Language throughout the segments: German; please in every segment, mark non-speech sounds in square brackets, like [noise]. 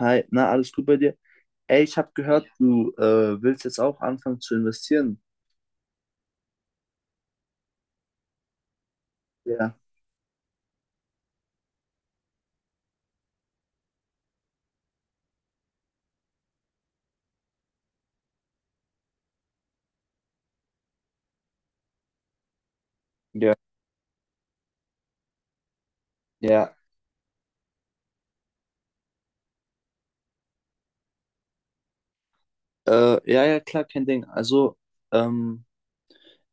Hi, na, alles gut bei dir? Ey, ich habe gehört, du willst jetzt auch anfangen zu investieren. Ja. Ja, ja, ja, klar, kein Ding. Also, ähm,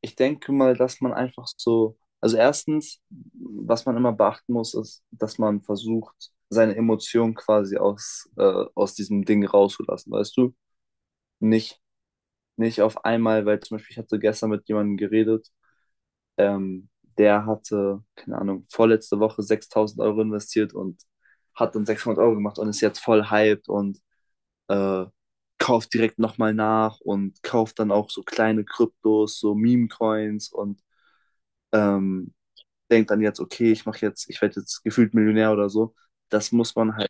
ich denke mal, dass man einfach so, also erstens, was man immer beachten muss, ist, dass man versucht, seine Emotionen quasi aus diesem Ding rauszulassen, weißt du? Nicht, nicht auf einmal, weil zum Beispiel, ich hatte gestern mit jemandem geredet. Ähm, Der hatte, keine Ahnung, vorletzte Woche 6.000 Euro investiert und hat dann 600 Euro gemacht und ist jetzt voll hyped und äh, kauft direkt nochmal nach und kauft dann auch so kleine Kryptos, so Meme-Coins und ähm, denkt dann jetzt, okay, ich mache jetzt, ich werde jetzt gefühlt Millionär oder so. Das muss man halt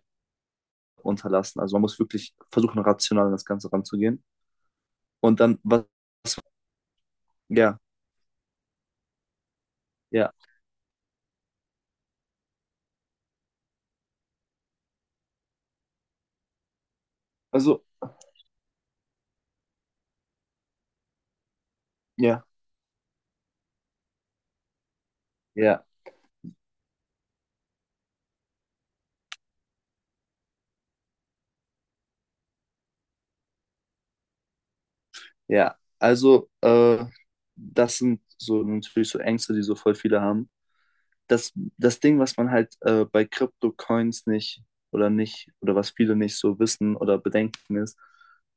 unterlassen. Also man muss wirklich versuchen, rational an das Ganze ranzugehen. Und dann, was, ja, ja. Also, ja, ja. Ja, also das sind so natürlich so Ängste, die so voll viele haben. Das, das Ding, was man halt bei Crypto-Coins nicht oder nicht oder was viele nicht so wissen oder bedenken ist,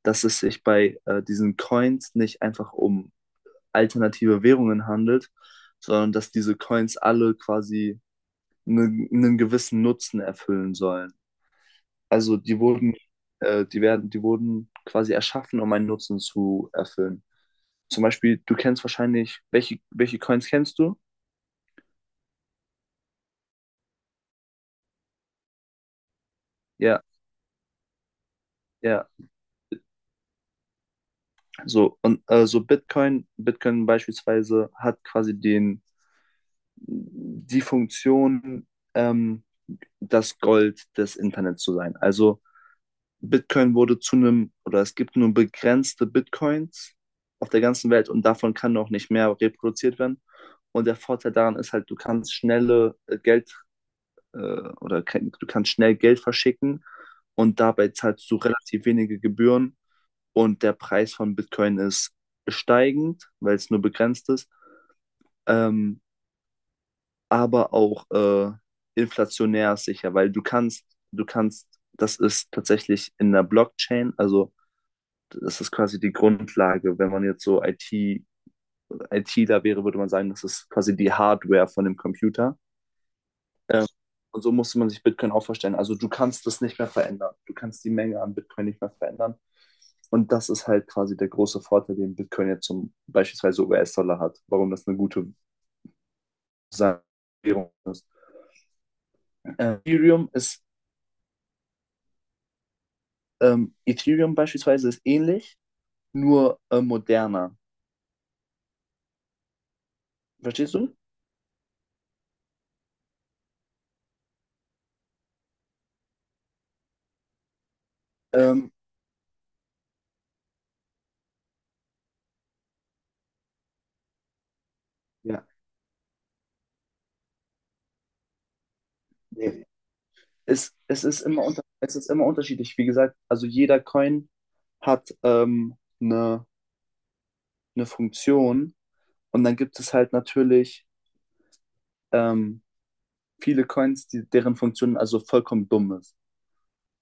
dass es sich bei diesen Coins nicht einfach um alternative Währungen handelt, sondern dass diese Coins alle quasi einen gewissen Nutzen erfüllen sollen. Also die wurden quasi erschaffen, um einen Nutzen zu erfüllen. Zum Beispiel, du kennst wahrscheinlich, welche Coins kennst du? Ja, ja. So, und so Bitcoin beispielsweise hat quasi die Funktion, ähm, das Gold des Internets zu sein. Also Bitcoin wurde zu einem, oder es gibt nur begrenzte Bitcoins auf der ganzen Welt und davon kann noch nicht mehr reproduziert werden. Und der Vorteil daran ist halt, du kannst schnelle Geld äh, oder ke- du kannst schnell Geld verschicken und dabei zahlst du relativ wenige Gebühren und der Preis von Bitcoin ist steigend, weil es nur begrenzt ist, ähm, aber auch inflationär sicher, weil du kannst, das ist tatsächlich in der Blockchain, also das ist quasi die Grundlage. Wenn man jetzt so ITler wäre, würde man sagen, das ist quasi die Hardware von dem Computer. Ähm, und so musste man sich Bitcoin auch vorstellen. Also du kannst das nicht mehr verändern. Du kannst die Menge an Bitcoin nicht mehr verändern. Und das ist halt quasi der große Vorteil, den Bitcoin jetzt zum beispielsweise US-Dollar hat, warum das eine gute Währung ist. Ähm, Ethereum ist Ethereum beispielsweise ist ähnlich, nur moderner. Verstehst du? Ähm, ja. Nee. Es ist immer unterschiedlich. Wie gesagt, also jeder Coin hat eine, eine Funktion und dann gibt es halt natürlich ähm, viele Coins, die, deren Funktion also vollkommen dumm ist.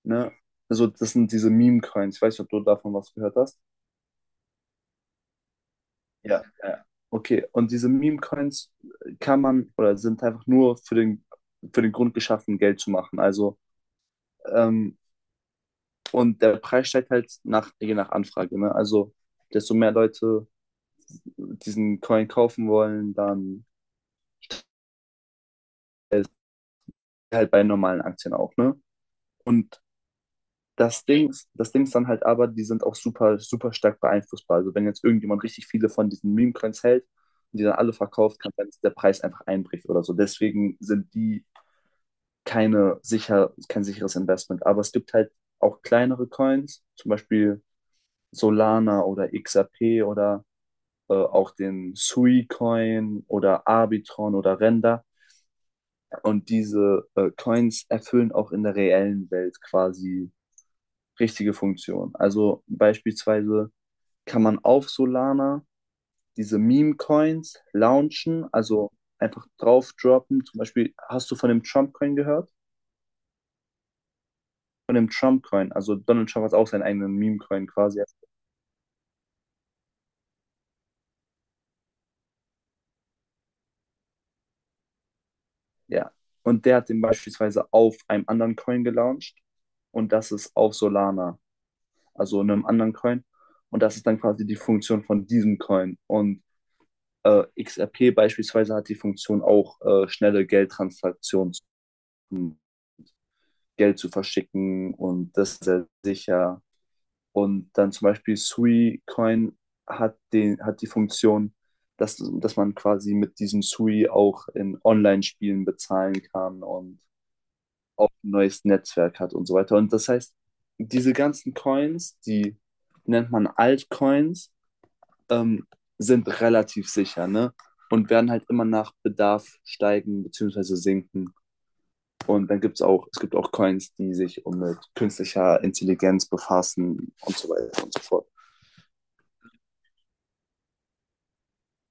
Ne? Also das sind diese Meme-Coins. Ich weiß nicht, ob du davon was gehört hast. Ja, ja. Okay, und diese Meme-Coins kann man oder sind einfach nur für den Grund geschaffen, Geld zu machen. Also, ähm, und der Preis steigt halt nach, je nach Anfrage. Ne? Also, desto mehr Leute diesen Coin kaufen wollen, dann ist halt bei normalen Aktien auch, ne? Und das Ding ist dann halt aber, die sind auch super, super stark beeinflussbar. Also wenn jetzt irgendjemand richtig viele von diesen Meme-Coins hält und die dann alle verkauft, kann sein, dass der Preis einfach einbricht oder so. Deswegen sind die kein sicheres Investment. Aber es gibt halt auch kleinere Coins, zum Beispiel Solana oder XRP oder auch den Sui-Coin oder Arbitron oder Render. Und diese Coins erfüllen auch in der reellen Welt quasi richtige Funktionen. Also beispielsweise kann man auf Solana diese Meme-Coins launchen, also einfach drauf droppen. Zum Beispiel, hast du von dem Trump-Coin gehört? Von dem Trump-Coin. Also Donald Trump hat auch seinen eigenen Meme-Coin quasi. Ja. Und der hat den beispielsweise auf einem anderen Coin gelauncht. Und das ist auf Solana, also einem anderen Coin. Und das ist dann quasi die Funktion von diesem Coin. Und XRP beispielsweise hat die Funktion auch, schnelle Geldtransaktionen, um Geld zu verschicken und das ist sehr sicher. Und dann zum Beispiel Sui Coin hat, den, hat die Funktion, dass man quasi mit diesem Sui auch in Online-Spielen bezahlen kann und auch ein neues Netzwerk hat und so weiter. Und das heißt, diese ganzen Coins, die nennt man Altcoins, ähm, sind relativ sicher, ne? Und werden halt immer nach Bedarf steigen bzw. sinken. Und dann gibt es auch, es gibt auch Coins, die sich um mit künstlicher Intelligenz befassen und so weiter und so fort.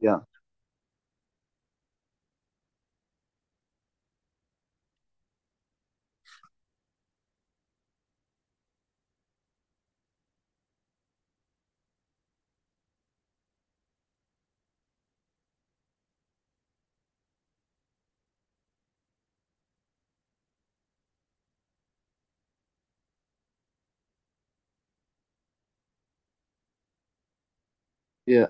Ja. Ja,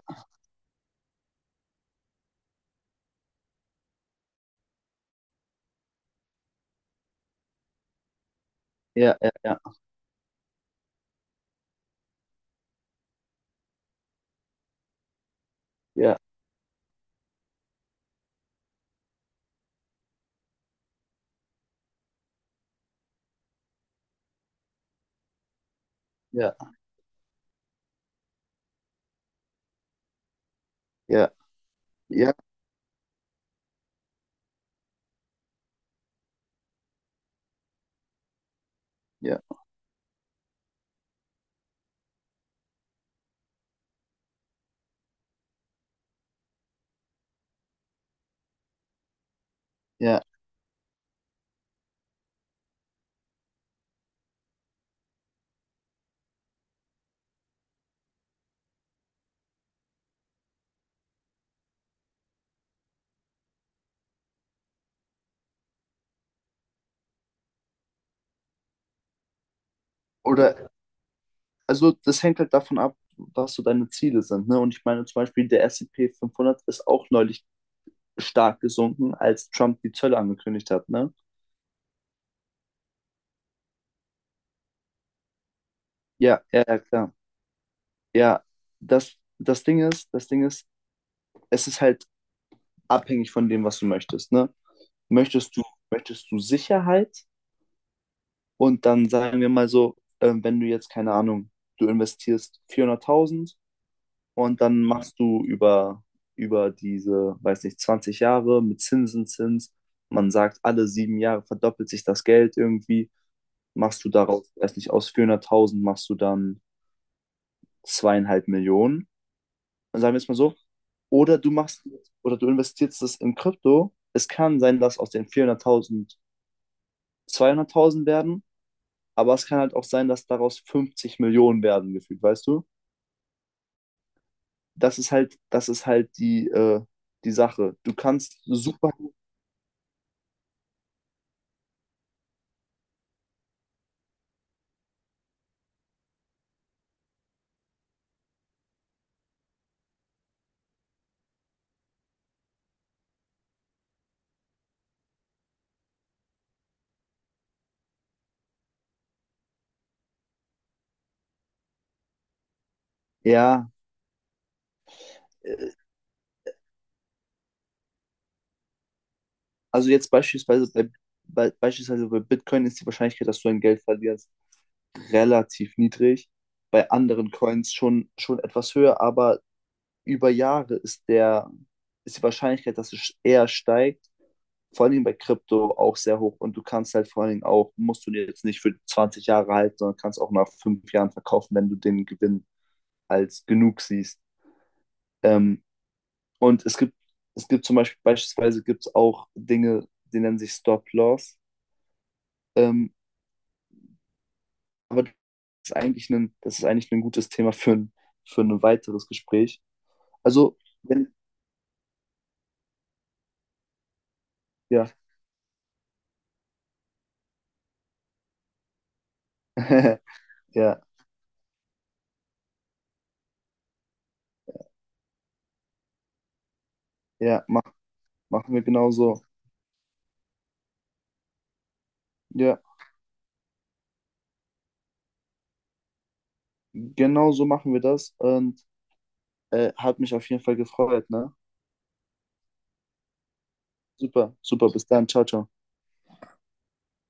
ja, ja, ja, ja, ja, ja, ja, ja, ja. Oder, also das hängt halt davon ab, was so deine Ziele sind. Ne? Und ich meine zum Beispiel, der S&P 500 ist auch neulich stark gesunken, als Trump die Zölle angekündigt hat. Ne? Ja, ja, ja, klar. Ja, das Ding ist, es ist halt abhängig von dem, was du möchtest, ne? Möchtest du, möchtest du Sicherheit? Und dann sagen wir mal so, wenn du jetzt, keine Ahnung, du investierst 400.000 und dann machst du über diese, weiß nicht, 20 Jahre mit Zinseszins, man sagt, alle 7 Jahre verdoppelt sich das Geld irgendwie, machst du daraus, weiß nicht, aus 400.000 machst du dann 2,5 Millionen sagen wir es mal so, oder du machst oder du investierst es in Krypto. Es kann sein, dass aus den 400.000 200.000 werden, aber es kann halt auch sein, dass daraus 50 Millionen werden gefühlt, weißt du? Das ist halt die Sache. Du kannst super, ja, äh, also jetzt beispielsweise bei Bitcoin ist die Wahrscheinlichkeit, dass du dein Geld verlierst, relativ niedrig. Bei anderen Coins schon etwas höher, aber über Jahre ist die Wahrscheinlichkeit, dass es eher steigt, vor allen Dingen bei Krypto auch sehr hoch. Und du kannst halt vor allen Dingen auch, musst du dir jetzt nicht für 20 Jahre halten, sondern kannst auch nach 5 Jahren verkaufen, wenn du den Gewinn als genug siehst. Ähm, und es gibt, beispielsweise gibt es auch Dinge, die nennen sich Stop-Loss. Ähm, aber das ist eigentlich das ist eigentlich ein gutes Thema für für ein weiteres Gespräch. Also, wenn, Ja, [laughs] ja, ja, machen wir genauso. Ja. Genau so machen wir das und hat mich auf jeden Fall gefreut, ne? Super, super, bis dann, ciao, ciao.